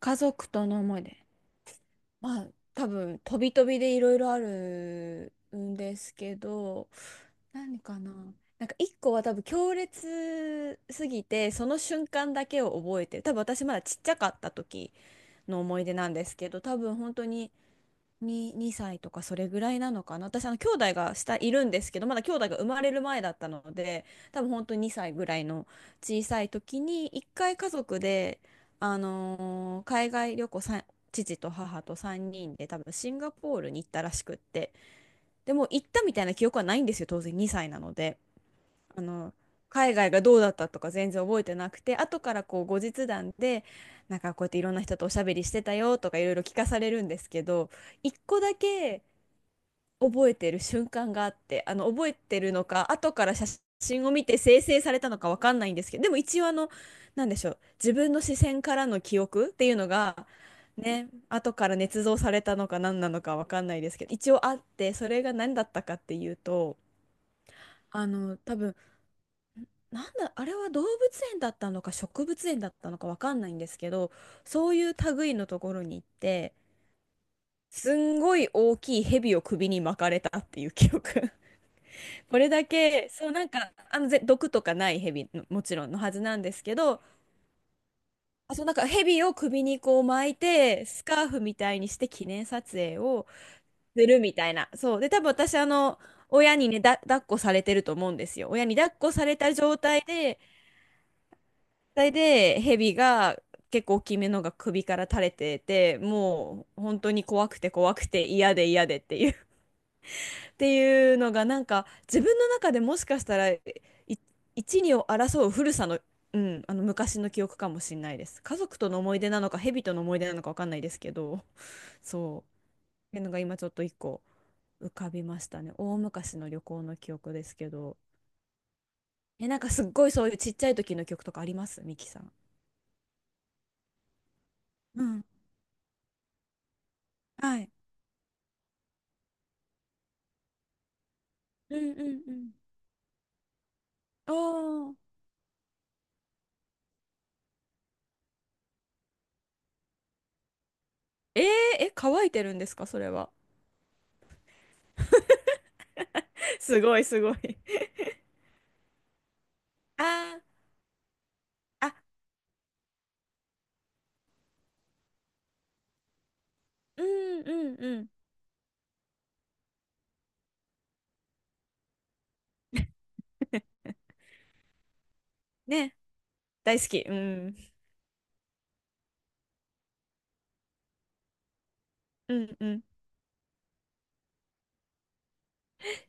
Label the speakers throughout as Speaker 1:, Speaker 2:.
Speaker 1: 家族との思い出。まあ、多分、飛び飛びでいろいろあるんですけど、何かな。なんか一個は多分強烈すぎて、その瞬間だけを覚えてる。多分私まだちっちゃかった時の思い出なんですけど、多分本当に2歳とかそれぐらいなのかな。私、兄弟が下いるんですけど、まだ兄弟が生まれる前だったので、多分本当に2歳ぐらいの小さい時に、一回家族で、海外旅行さん、父と母と3人で多分シンガポールに行ったらしくって。でも行ったみたいな記憶はないんですよ、当然2歳なので。あの海外がどうだったとか全然覚えてなくて、後からこう後日談で、なんかこうやっていろんな人とおしゃべりしてたよとかいろいろ聞かされるんですけど、一個だけ覚えてる瞬間があって、覚えてるのか後から写真を見て生成されたのかわかんないんですけど、でも一応、なんでしょう、自分の視線からの記憶っていうのがね、後から捏造されたのか何なのかわかんないですけど、一応あって、それが何だったかっていうと、あの多分なんだ、あれは動物園だったのか植物園だったのかわかんないんですけど、そういう類のところに行って、すんごい大きい蛇を首に巻かれたっていう記憶。これだけ、そうなんか、あの、毒とかない蛇の、もちろんのはずなんですけど、あ、そうなんか蛇を首にこう巻いて、スカーフみたいにして記念撮影をするみたいな。そう。で、多分私、あの、親にね、だ、抱っこされてると思うんですよ。親に抱っこされた状態で、それで、ヘビが結構大きめのが首から垂れてて、もう本当に怖くて怖くて嫌で嫌でっていう っていうのがなんか自分の中でもしかしたら一二を争う古さの、うん、あの昔の記憶かもしれないです。家族との思い出なのか、ヘビとの思い出なのかわかんないですけど、そう。っていうのが今ちょっと一個浮かびましたね。大昔の旅行の記憶ですけど。え、なんかすっごいそういうちっちゃい時の記憶とかありますミキさん。うん。はい。うんうん、うん。おー。えー、え、乾いてるんですか、それは。すごい、すごい。あ、ああ、うんうんうん。ね、大好き。うん。うんうん。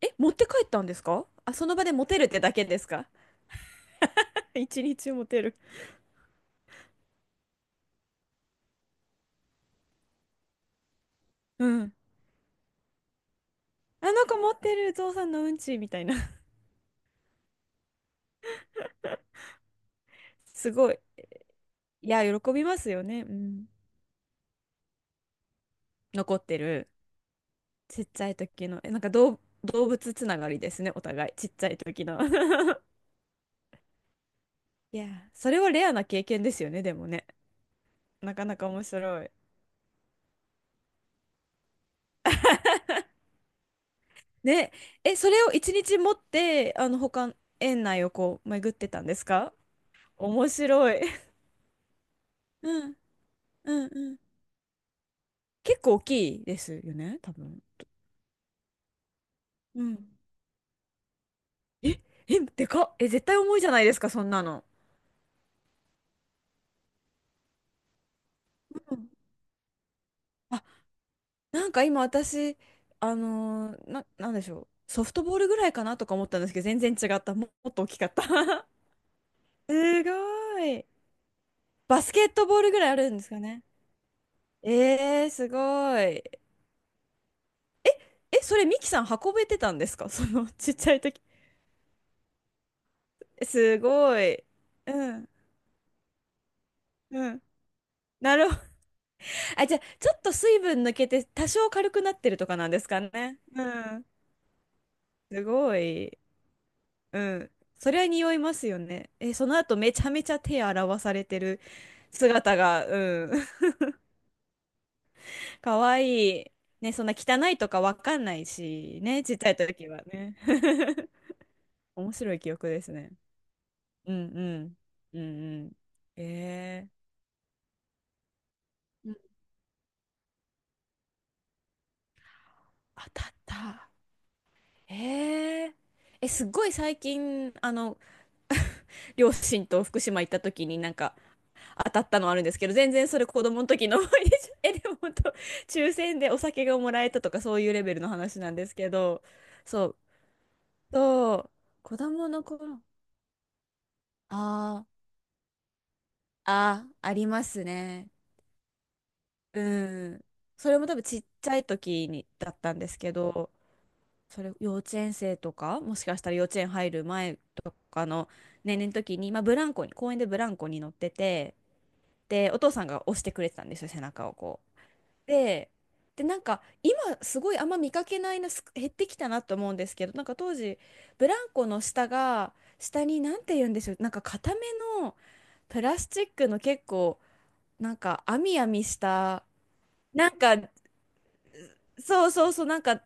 Speaker 1: え、持って帰ったんですか、あ、その場で持てるってだけですか？ 一日中持てる。うん。あの子持ってるゾウさんのうんちみたいな。すごい。いや、喜びますよね。うん。残ってる。ちっちゃい時の。え、なんか動物つながりですね、お互い。ちっちゃい時の。いや、それはレアな経験ですよね、でもね。なかなか面白い。ねえ、それを一日持って、あの、他、園内をこう、巡ってたんですか？面白い。うんうんうん。結構大きいですよね、多分。うん。え、え、でかっ。え、絶対重いじゃないですか、そんなの。うん。あ、なんか今私、なんでしょう。ソフトボールぐらいかなとか思ったんですけど、全然違った。もっと大きかった。すごい。バスケットボールぐらいあるんですかね。えー、すごい。え、それミキさん運べてたんですか？ そのちっちゃい時。すごい。うん。うん。なるほど。あ、じゃあ、ちょっと水分抜けて多少軽くなってるとかなんですかね。うん。すごい。うん。それは匂いますよね。え、その後めちゃめちゃ手洗わされてる姿が、うん。かわいい。ね、そんな汚いとかわかんないし、ね、ちっちゃい時はね。面白い記憶ですね。うんうん。うんうん。えー、当たった。へえ。え、すっごい最近、あの、両親と福島行った時になんか当たったのあるんですけど、全然それ子供の時の思い出じゃ、え、でも本当、抽選でお酒がもらえたとかそういうレベルの話なんですけど、そう、そう、子供の頃、ああ、ああ、ありますね。うん。それも多分ちっちゃい時にだったんですけど、それ幼稚園生とかもしかしたら幼稚園入る前とかの年齢の時に、まあ、ブランコに公園でブランコに乗ってて、でお父さんが押してくれてたんですよ、背中をこう。で、でなんか今すごいあんま見かけないな、減ってきたなと思うんですけど、なんか当時ブランコの下が、下になんて言うんでしょう、なんか固めのプラスチックの、結構なんか網網した、なんかね、そうそうそう、なんか、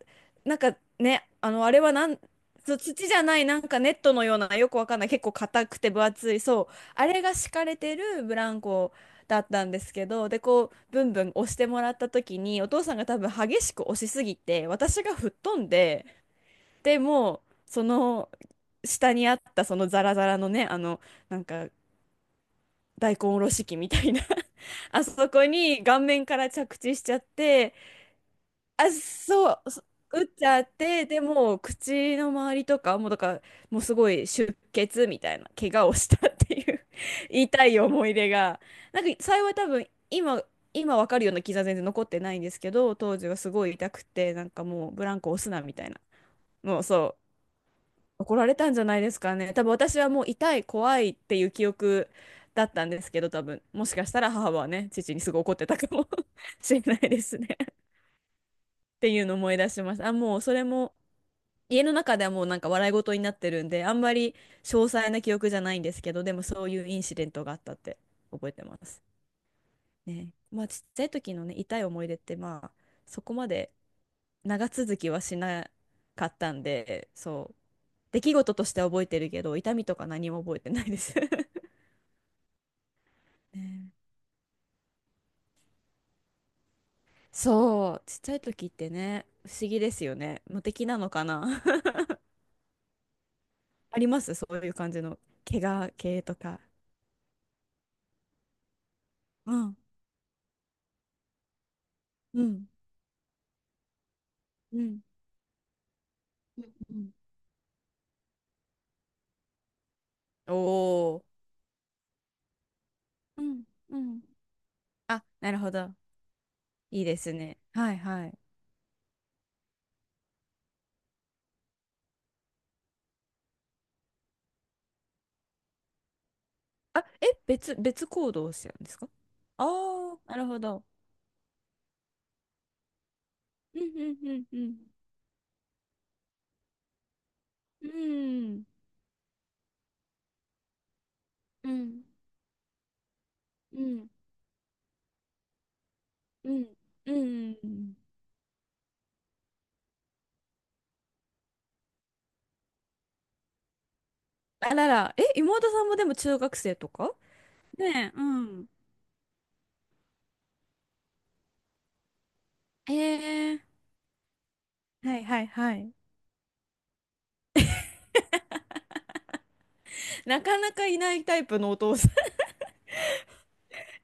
Speaker 1: なんかね、あの、あれはなん、そう土じゃない、なんかネットのような、よくわかんない、結構硬くて分厚い、そう、あれが敷かれてるブランコだったんですけど、で、こう、ブンブン押してもらった時に、お父さんが多分激しく押しすぎて、私が吹っ飛んで、でもう、その、下にあったそのザラザラのね、あの、なんか、大根おろし器みたいな あそこに顔面から着地しちゃって、あ、そう、打っちゃって、でもう口の周りとか、もうだから、もうすごい出血みたいな、怪我をしたっていう 痛い思い出が、なんか幸い多分、今わかるような傷は全然残ってないんですけど、当時はすごい痛くて、なんかもうブランコ押すなみたいな、もうそう、怒られたんじゃないですかね。多分私はもう痛い、怖いっていう記憶だったんですけど、多分、もしかしたら母はね、父にすごい怒ってたかも しれないですね。っていうのを思い出しました。あ、もうそれも家の中ではもうなんか笑い事になってるんで、あんまり詳細な記憶じゃないんですけど、でもそういうインシデントがあったって覚えてます。ね。まあちっちゃい時のね、痛い思い出ってまあそこまで長続きはしなかったんで、そう。出来事としては覚えてるけど、痛みとか何も覚えてないです。 ね。そう、ちっちゃい時ってね、不思議ですよね。無敵なのかな。 ありますそういう感じの怪我系とか。うんうん。うん。うんうん。おー。うんうん。あ、なるほど。いいですね。はいはい。あ、え、別行動をしてるんですか？ああー、なるほど。うんうんうん、うん。うん。うんうんうん。うん。あらら、え、妹さんもでも中学生とか？ねえ、うん。ええ、はいはいはい。なかなかいないタイプのお父さん。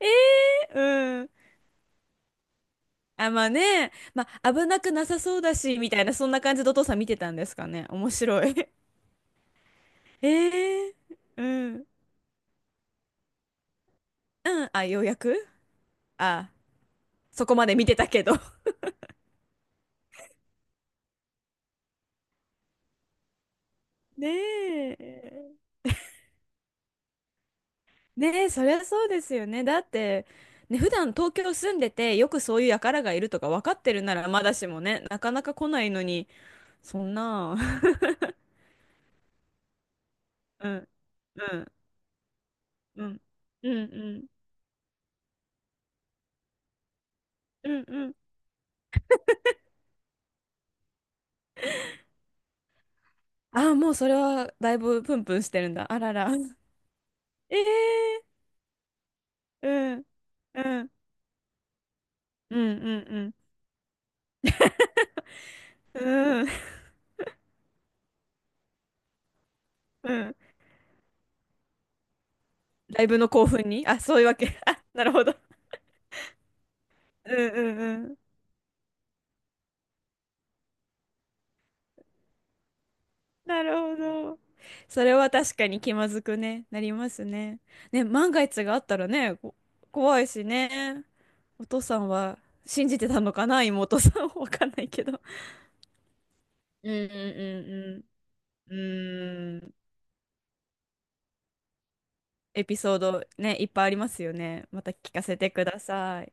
Speaker 1: ええー、うん。あ、まあね、まあ危なくなさそうだし、みたいな、そんな感じでお父さん見てたんですかね。面白い。ええ、うん。うん。あ、ようやく。あ、そこまで見てたけど。ねえ。ねえ、そりゃそうですよね。だって、ね、普段東京住んでて、よくそういう輩がいるとか分かってるならまだしもね、なかなか来ないのに、そんな。うん、うん、うん、うん、うん、うん、うん。ああ、もうそれはだいぶプンプンしてるんだ。あらら。ええ、うん、うん、うん、うん、うん、うん、うん。ライブの興奮に、あ、そういうわけ。あ、なるほど。うん、うん、うん。なるほど。それは確かに気まずくね、なりますね。ね、万が一があったらね、怖いしね。お父さんは信じてたのかな、妹さん。わかんないけど。うん、うん、うん、うん。うーん。エピソードね、いっぱいありますよね。また聞かせてください。